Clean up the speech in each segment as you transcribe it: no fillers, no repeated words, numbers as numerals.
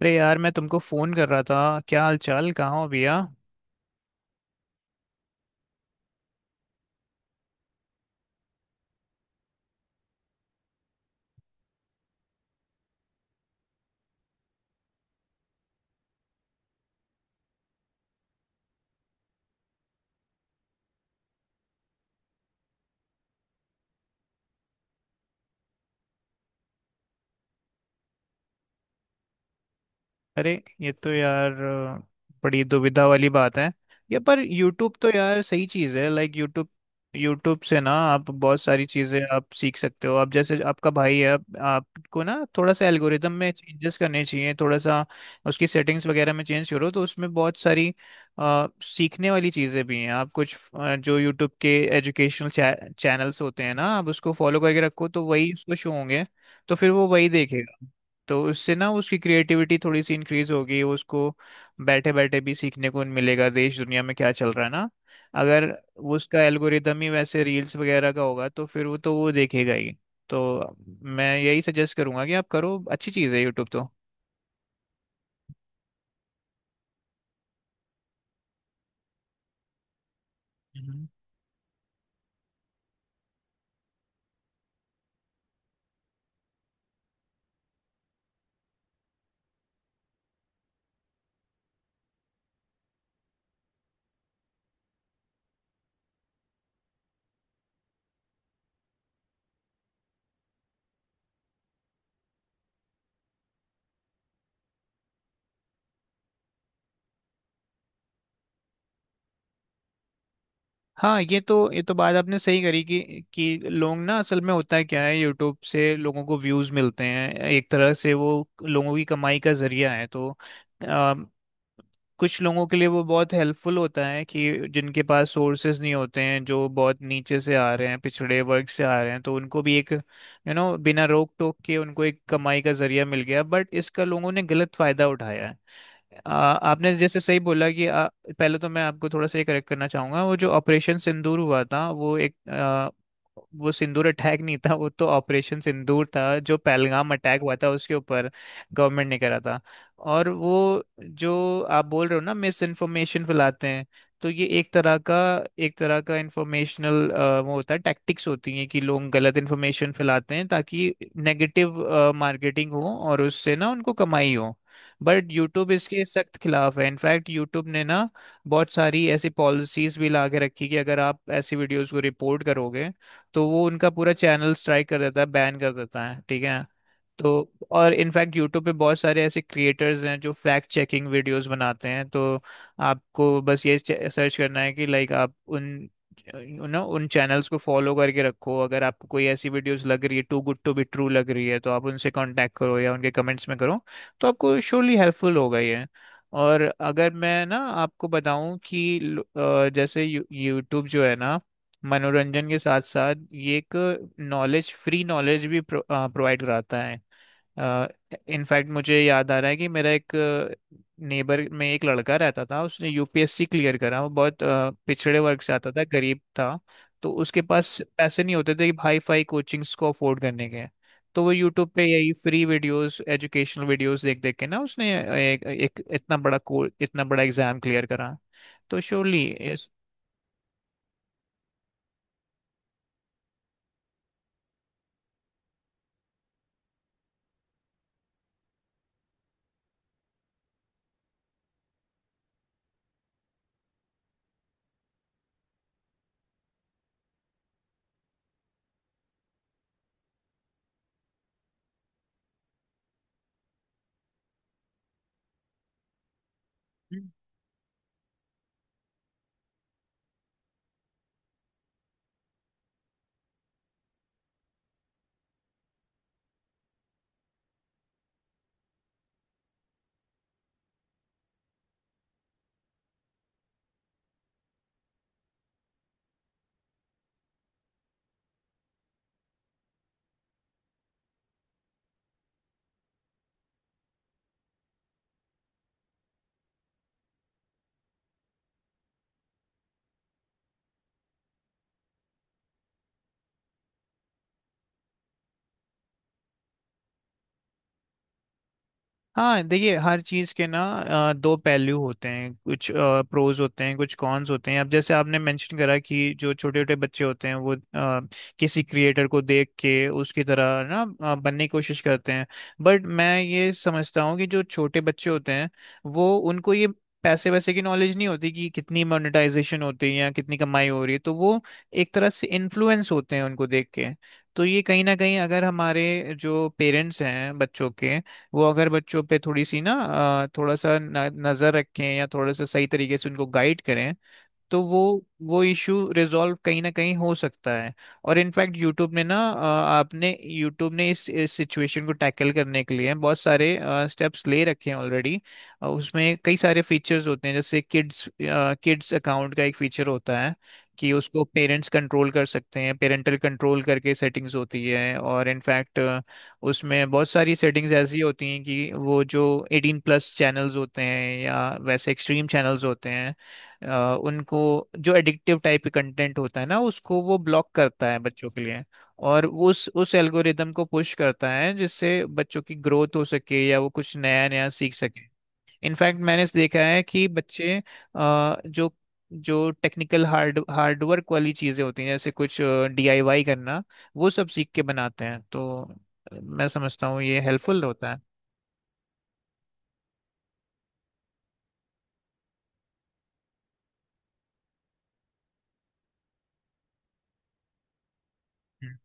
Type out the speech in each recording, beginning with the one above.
अरे यार, मैं तुमको फोन कर रहा था। क्या हाल चाल, कहाँ हो भैया? अरे ये तो यार बड़ी दुविधा वाली बात है। ये पर YouTube तो यार सही चीज़ है, लाइक YouTube। YouTube से ना आप बहुत सारी चीज़ें आप सीख सकते हो। आप जैसे आपका भाई है, आपको ना थोड़ा सा एल्गोरिदम में चेंजेस करने चाहिए। थोड़ा सा उसकी सेटिंग्स वगैरह में चेंज करो तो उसमें बहुत सारी सीखने वाली चीज़ें भी हैं। आप कुछ जो YouTube के एजुकेशनल चैनल्स होते हैं ना, आप उसको फॉलो करके रखो तो वही उसको शो होंगे। तो फिर वो वही देखेगा। तो इससे ना उसकी क्रिएटिविटी थोड़ी सी इंक्रीज होगी, उसको बैठे बैठे भी सीखने को मिलेगा, देश दुनिया में क्या चल रहा है ना। अगर वो उसका एल्गोरिदम ही वैसे रील्स वगैरह का होगा तो फिर वो तो वो देखेगा ही। तो मैं यही सजेस्ट करूंगा कि आप करो, अच्छी चीज़ है यूट्यूब तो। हम्म। हाँ, ये तो बात आपने सही करी कि लोग ना, असल में होता है क्या है, यूट्यूब से लोगों को व्यूज मिलते हैं, एक तरह से वो लोगों की कमाई का जरिया है। तो कुछ लोगों के लिए वो बहुत हेल्पफुल होता है कि जिनके पास सोर्सेज नहीं होते हैं, जो बहुत नीचे से आ रहे हैं, पिछड़े वर्ग से आ रहे हैं, तो उनको भी एक यू नो बिना रोक टोक के उनको एक कमाई का जरिया मिल गया। बट इसका लोगों ने गलत फायदा उठाया है। आपने जैसे सही बोला कि पहले तो मैं आपको थोड़ा सा ये करेक्ट करना चाहूंगा। वो जो ऑपरेशन सिंदूर हुआ था, वो सिंदूर अटैक नहीं था, वो तो ऑपरेशन सिंदूर था जो पहलगाम अटैक हुआ था उसके ऊपर गवर्नमेंट ने करा था। और वो जो आप बोल रहे हो ना मिस इन्फॉर्मेशन फैलाते हैं, तो ये एक तरह का इंफॉर्मेशनल वो होता है, टैक्टिक्स होती हैं कि लोग गलत इन्फॉर्मेशन फैलाते हैं ताकि नेगेटिव मार्केटिंग हो और उससे ना उनको कमाई हो। बट यूट्यूब इसके सख्त खिलाफ है। इनफैक्ट यूट्यूब ने ना बहुत सारी ऐसी पॉलिसीज भी ला के रखी कि अगर आप ऐसी वीडियोस को रिपोर्ट करोगे तो वो उनका पूरा चैनल स्ट्राइक कर देता है, बैन कर देता है, ठीक है। तो और इनफैक्ट यूट्यूब पे बहुत सारे ऐसे क्रिएटर्स हैं जो फैक्ट चेकिंग वीडियोस बनाते हैं। तो आपको बस ये सर्च करना है कि लाइक आप उन यू नो उन चैनल्स को फॉलो करके रखो। अगर आपको कोई ऐसी वीडियोस लग रही है, too good to be true लग रही है, तो आप उनसे कांटेक्ट करो या उनके कमेंट्स में करो। तो आपको श्योरली हेल्पफुल होगा ये। और अगर मैं ना आपको बताऊं कि जैसे यूट्यूब जो है ना, मनोरंजन के साथ साथ ये एक नॉलेज फ्री नॉलेज भी प्रोवाइड कराता है। इनफैक्ट मुझे याद आ रहा है कि मेरा एक नेबर में एक लड़का रहता था, उसने यूपीएससी क्लियर करा। वो बहुत पिछड़े वर्ग से आता था, गरीब था। तो उसके पास पैसे नहीं होते थे कि हाई फाई कोचिंग्स को अफोर्ड करने के। तो वो यूट्यूब पे यही फ्री वीडियोस, एजुकेशनल वीडियोस देख देख के ना उसने एक इतना बड़ा एग्जाम क्लियर करा। तो श्योरली, हाँ देखिए, हर चीज़ के ना दो पहलू होते हैं, कुछ प्रोज होते हैं, कुछ कॉन्स होते हैं। अब जैसे आपने मेंशन करा कि जो छोटे छोटे बच्चे होते हैं वो किसी क्रिएटर को देख के उसकी तरह ना बनने की कोशिश करते हैं। बट मैं ये समझता हूँ कि जो छोटे बच्चे होते हैं, वो उनको ये पैसे वैसे की नॉलेज नहीं होती कि कितनी मोनेटाइजेशन होती है या कितनी कमाई हो रही है, तो वो एक तरह से इन्फ्लुएंस होते हैं उनको देख के। तो ये कहीं ना कहीं, अगर हमारे जो पेरेंट्स हैं बच्चों के, वो अगर बच्चों पे थोड़ी सी ना थोड़ा सा नजर रखें या थोड़ा सा सही तरीके से उनको गाइड करें, तो वो इशू रिजॉल्व कहीं ना कहीं हो सकता है। और इनफैक्ट यूट्यूब ने ना अ, आपने यूट्यूब ने इस सिचुएशन को टैकल करने के लिए बहुत सारे स्टेप्स ले रखे हैं ऑलरेडी। उसमें कई सारे फीचर्स होते हैं, जैसे किड्स किड्स अकाउंट का एक फीचर होता है कि उसको पेरेंट्स कंट्रोल कर सकते हैं, पेरेंटल कंट्रोल करके सेटिंग्स होती है। और इनफैक्ट उसमें बहुत सारी सेटिंग्स ऐसी होती हैं कि वो जो एटीन प्लस चैनल्स होते हैं या वैसे एक्सट्रीम चैनल्स होते हैं, उनको, जो एडिक्टिव टाइप के कंटेंट होता है ना, उसको वो ब्लॉक करता है बच्चों के लिए। और वो उस एल्गोरिदम को पुश करता है जिससे बच्चों की ग्रोथ हो सके या वो कुछ नया नया सीख सके। इनफैक्ट मैंने इस देखा है कि बच्चे जो जो टेक्निकल हार्डवर्क वाली चीज़ें होती हैं, जैसे कुछ डीआईवाई करना, वो सब सीख के बनाते हैं। तो मैं समझता हूँ ये हेल्पफुल होता है। हम्म।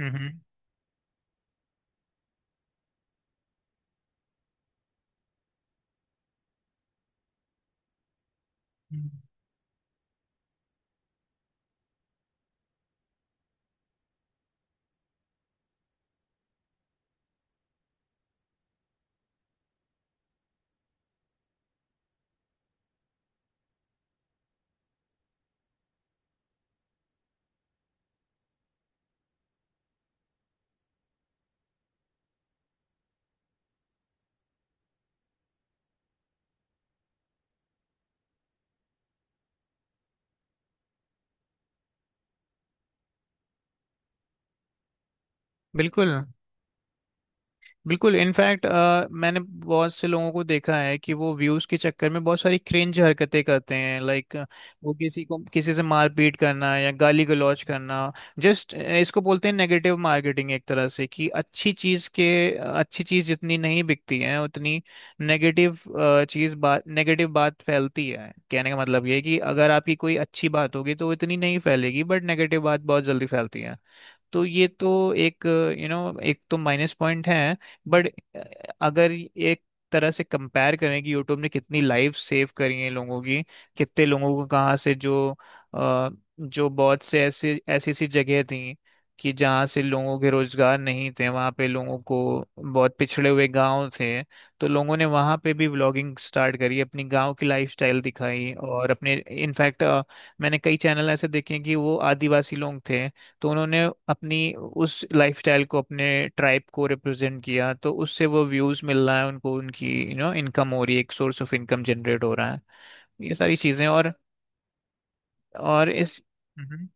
हम्म। हम्म। बिल्कुल। बिल्कुल, इनफैक्ट मैंने बहुत से लोगों को देखा है कि वो व्यूज के चक्कर में बहुत सारी क्रिंज हरकतें करते हैं। लाइक वो किसी को किसी से मारपीट करना या गाली गलौज करना। जस्ट इसको बोलते हैं नेगेटिव मार्केटिंग, एक तरह से कि अच्छी चीज जितनी नहीं बिकती है उतनी नेगेटिव चीज बात नेगेटिव बात फैलती है। कहने का मतलब ये है कि अगर आपकी कोई अच्छी बात होगी तो वो इतनी नहीं फैलेगी, बट नेगेटिव बात बहुत जल्दी फैलती है। तो ये तो एक यू नो एक तो माइनस पॉइंट है। बट अगर एक तरह से कंपेयर करें कि यूट्यूब ने कितनी लाइफ सेव करी है लोगों की, कितने लोगों को कहाँ से, जो अ, जो बहुत से ऐसी ऐसी ऐसी जगह थी कि जहाँ से लोगों के रोजगार नहीं थे वहाँ पे लोगों को, बहुत पिछड़े हुए गांव थे, तो लोगों ने वहाँ पे भी व्लॉगिंग स्टार्ट करी, अपनी गांव की लाइफस्टाइल दिखाई और अपने, इनफैक्ट मैंने कई चैनल ऐसे देखे हैं कि वो आदिवासी लोग थे। तो उन्होंने अपनी उस लाइफस्टाइल को, अपने ट्राइब को रिप्रेजेंट किया, तो उससे वो व्यूज मिल रहा है उनको, उनकी यू नो इनकम हो रही है, एक सोर्स ऑफ इनकम जनरेट हो रहा है, ये सारी चीजें। और इस मम्म।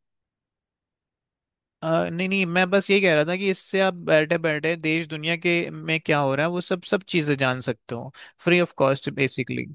नहीं नहीं, मैं बस ये कह रहा था कि इससे आप बैठे बैठे देश दुनिया के में क्या हो रहा है वो सब सब चीजें जान सकते हो, फ्री ऑफ कॉस्ट बेसिकली।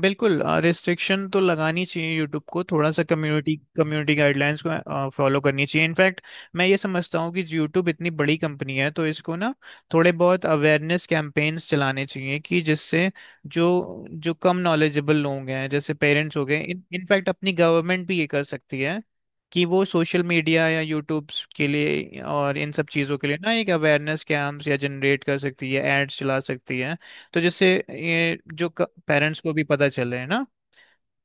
बिल्कुल, रिस्ट्रिक्शन तो लगानी चाहिए यूट्यूब को, थोड़ा सा कम्युनिटी कम्युनिटी गाइडलाइंस को फॉलो करनी चाहिए। इनफैक्ट मैं ये समझता हूँ कि यूट्यूब इतनी बड़ी कंपनी है तो इसको ना थोड़े बहुत अवेयरनेस कैंपेन्स चलाने चाहिए, कि जिससे जो जो कम नॉलेजेबल लोग हैं जैसे पेरेंट्स हो गए, इन इनफैक्ट अपनी गवर्नमेंट भी ये कर सकती है कि वो सोशल मीडिया या यूट्यूब के लिए और इन सब चीज़ों के लिए ना एक अवेयरनेस कैंप्स या जनरेट कर सकती है, एड्स चला सकती है। तो जैसे ये जो पेरेंट्स को भी पता चले है ना।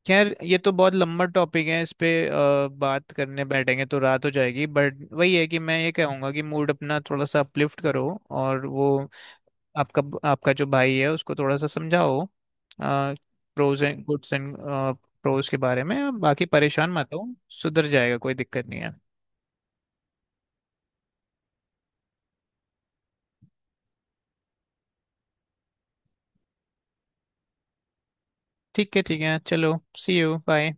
खैर ये तो बहुत लंबा टॉपिक है, इस पे बात करने बैठेंगे तो रात हो जाएगी। बट वही है कि मैं ये कहूँगा कि मूड अपना थोड़ा सा अपलिफ्ट करो, और वो आपका आपका जो भाई है उसको थोड़ा सा समझाओ, pros and goods and pros के बारे में, बाकी परेशान मत हो। सुधर जाएगा, कोई दिक्कत नहीं है। ठीक है, ठीक है, चलो, सी यू बाय।